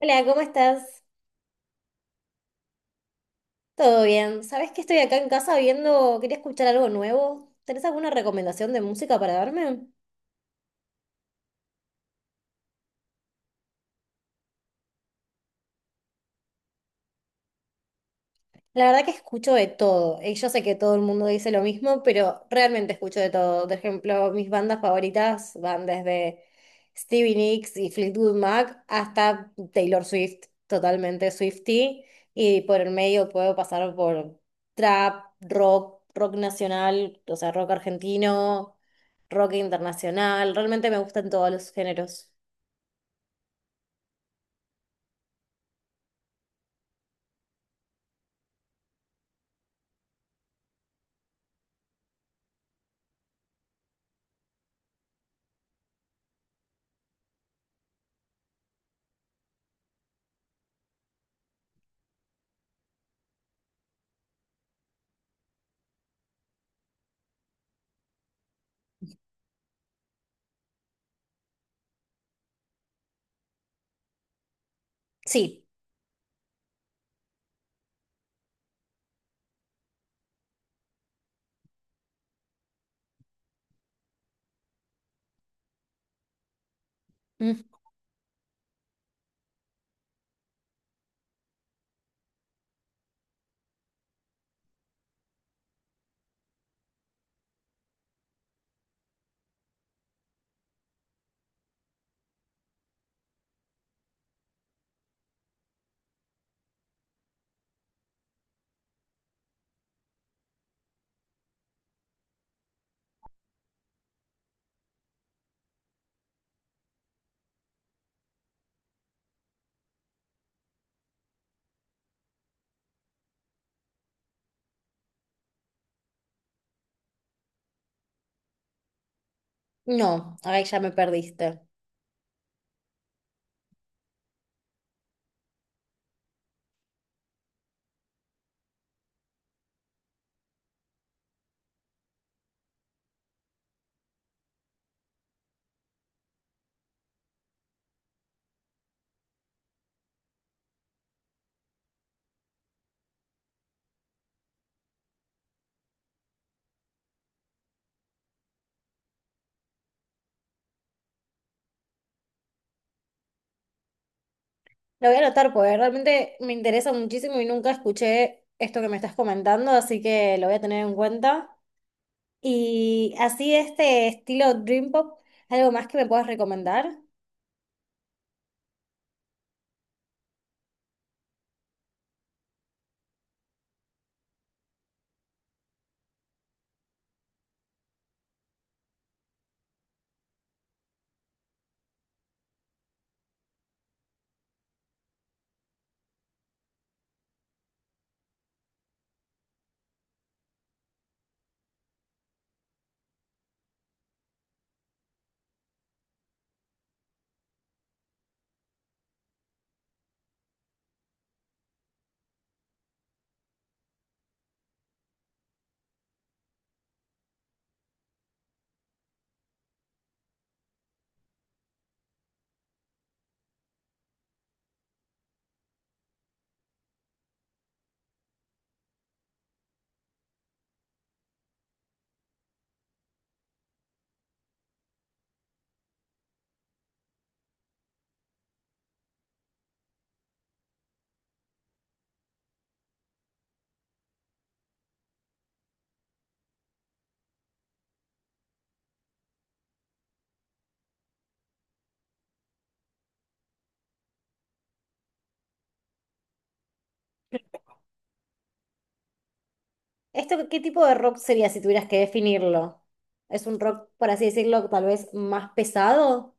Hola, ¿cómo estás? ¿Todo bien? ¿Sabés que estoy acá en casa viendo, quería escuchar algo nuevo? ¿Tenés alguna recomendación de música para darme? La verdad que escucho de todo. Y yo sé que todo el mundo dice lo mismo, pero realmente escucho de todo. Por ejemplo, mis bandas favoritas van desde Stevie Nicks y Fleetwood Mac hasta Taylor Swift, totalmente Swiftie. Y por el medio puedo pasar por trap, rock, rock nacional, o sea, rock argentino, rock internacional. Realmente me gustan todos los géneros. Sí. Mm. No, ahí ya me perdiste. Lo voy a anotar porque realmente me interesa muchísimo y nunca escuché esto que me estás comentando, así que lo voy a tener en cuenta. Y así este estilo Dream Pop, ¿algo más que me puedas recomendar? ¿Esto qué tipo de rock sería si tuvieras que definirlo? ¿Es un rock, por así decirlo, tal vez más pesado?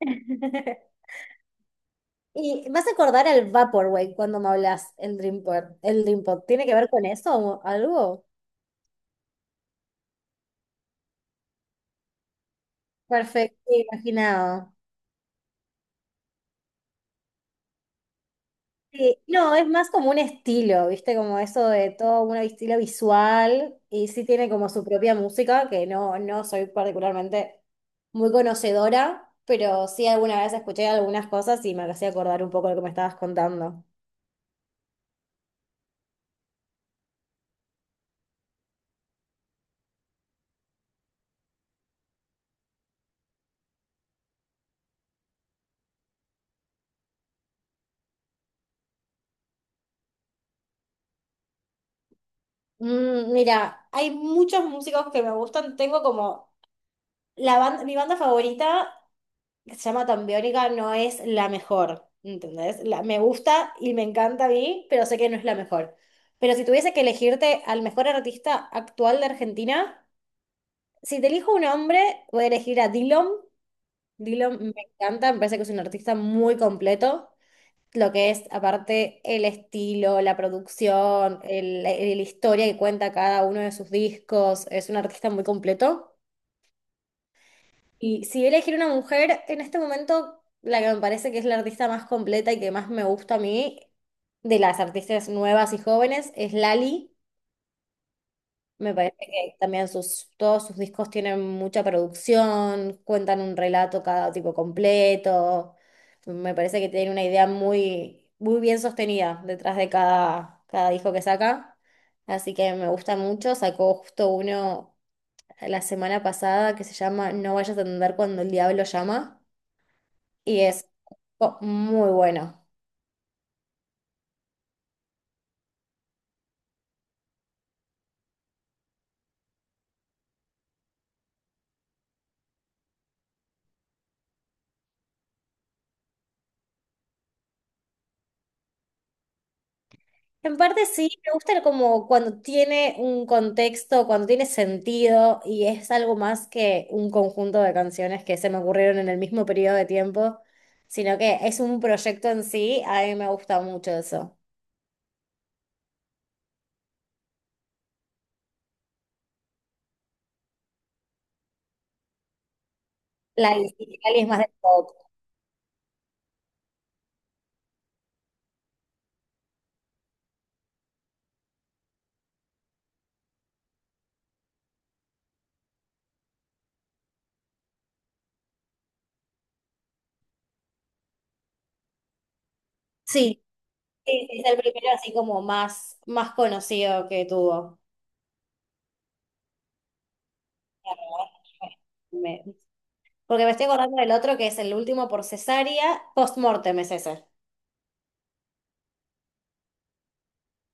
Y vas a acordar al Vaporwave cuando me hablas el Dream Pop, el Dream Pop. ¿Tiene que ver con eso o algo? Perfecto, imaginado. Sí, no, es más como un estilo, ¿viste? Como eso de todo un estilo visual y sí tiene como su propia música, que no, no soy particularmente muy conocedora, pero sí alguna vez escuché algunas cosas y me hacía acordar un poco de lo que me estabas contando. Mm, mira, hay muchos músicos que me gustan, tengo como la banda, mi banda favorita que se llama tan biónica no es la mejor, ¿entendés? La, me gusta y me encanta a mí, pero sé que no es la mejor. Pero si tuviese que elegirte al mejor artista actual de Argentina, si te elijo un hombre, voy a elegir a Dillom. Dillom me encanta, me parece que es un artista muy completo. Lo que es, aparte, el estilo, la producción, el- la historia que cuenta cada uno de sus discos, es un artista muy completo. Y si voy a elegir una mujer, en este momento la que me parece que es la artista más completa y que más me gusta a mí, de las artistas nuevas y jóvenes, es Lali. Me parece que también sus, todos sus discos tienen mucha producción, cuentan un relato cada tipo completo. Me parece que tiene una idea muy, muy bien sostenida detrás de cada, cada disco que saca. Así que me gusta mucho. Sacó justo uno la semana pasada que se llama No vayas a atender cuando el diablo llama y es muy bueno. En parte sí, me gusta como cuando tiene un contexto, cuando tiene sentido y es algo más que un conjunto de canciones que se me ocurrieron en el mismo periodo de tiempo, sino que es un proyecto en sí, a mí me gusta mucho eso. La cali es más de pop. Sí, sí, es el primero así como más, más conocido que tuvo. Me- Porque me estoy acordando del otro que es el último por cesárea, post-mortem es ese.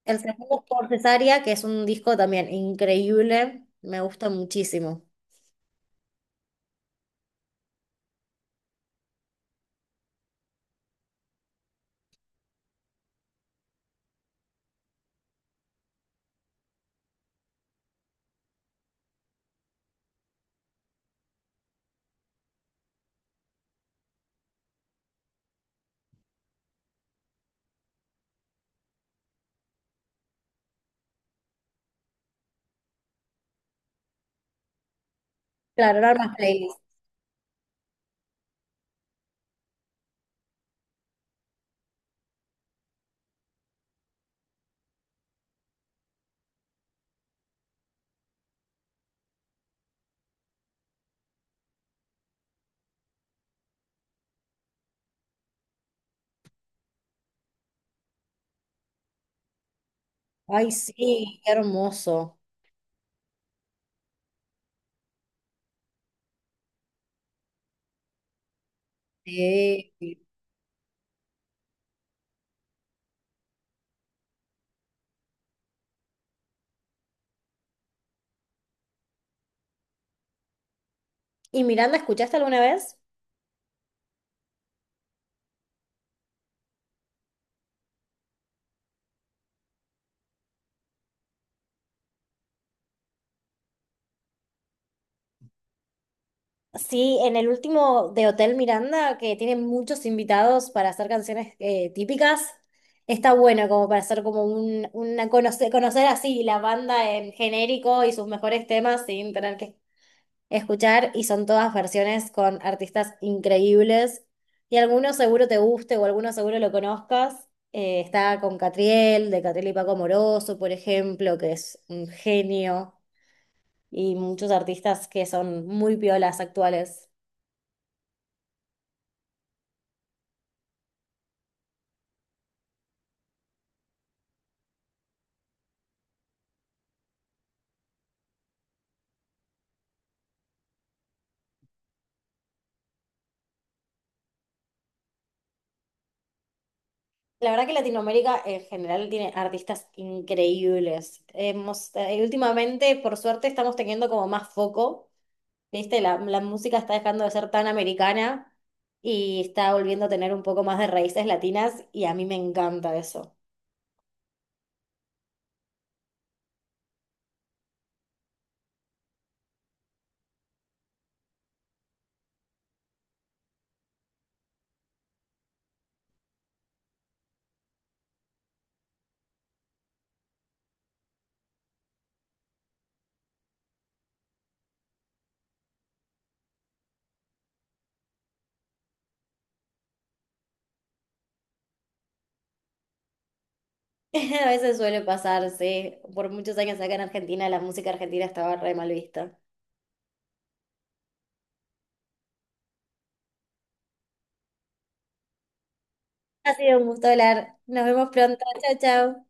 El segundo por cesárea, que es un disco también increíble, me gusta muchísimo. Claro, era más playlist. Ay, sí, qué hermoso. Sí. ¿Y Miranda, escuchaste alguna vez? Sí, en el último de Hotel Miranda, que tiene muchos invitados para hacer canciones típicas, está bueno como para hacer como un, una conocer, conocer así la banda en genérico y sus mejores temas sin tener que escuchar y son todas versiones con artistas increíbles. Y alguno seguro te guste o alguno seguro lo conozcas. Está con Catriel, de Catriel y Paco Moroso, por ejemplo, que es un genio, y muchos artistas que son muy piolas actuales. La verdad que Latinoamérica en general tiene artistas increíbles. Hemos, últimamente, por suerte, estamos teniendo como más foco. ¿Viste? La música está dejando de ser tan americana y está volviendo a tener un poco más de raíces latinas y a mí me encanta eso. A veces suele pasar, sí. Por muchos años acá en Argentina la música argentina estaba re mal vista. Ha sido un gusto hablar. Nos vemos pronto. Chao, chao.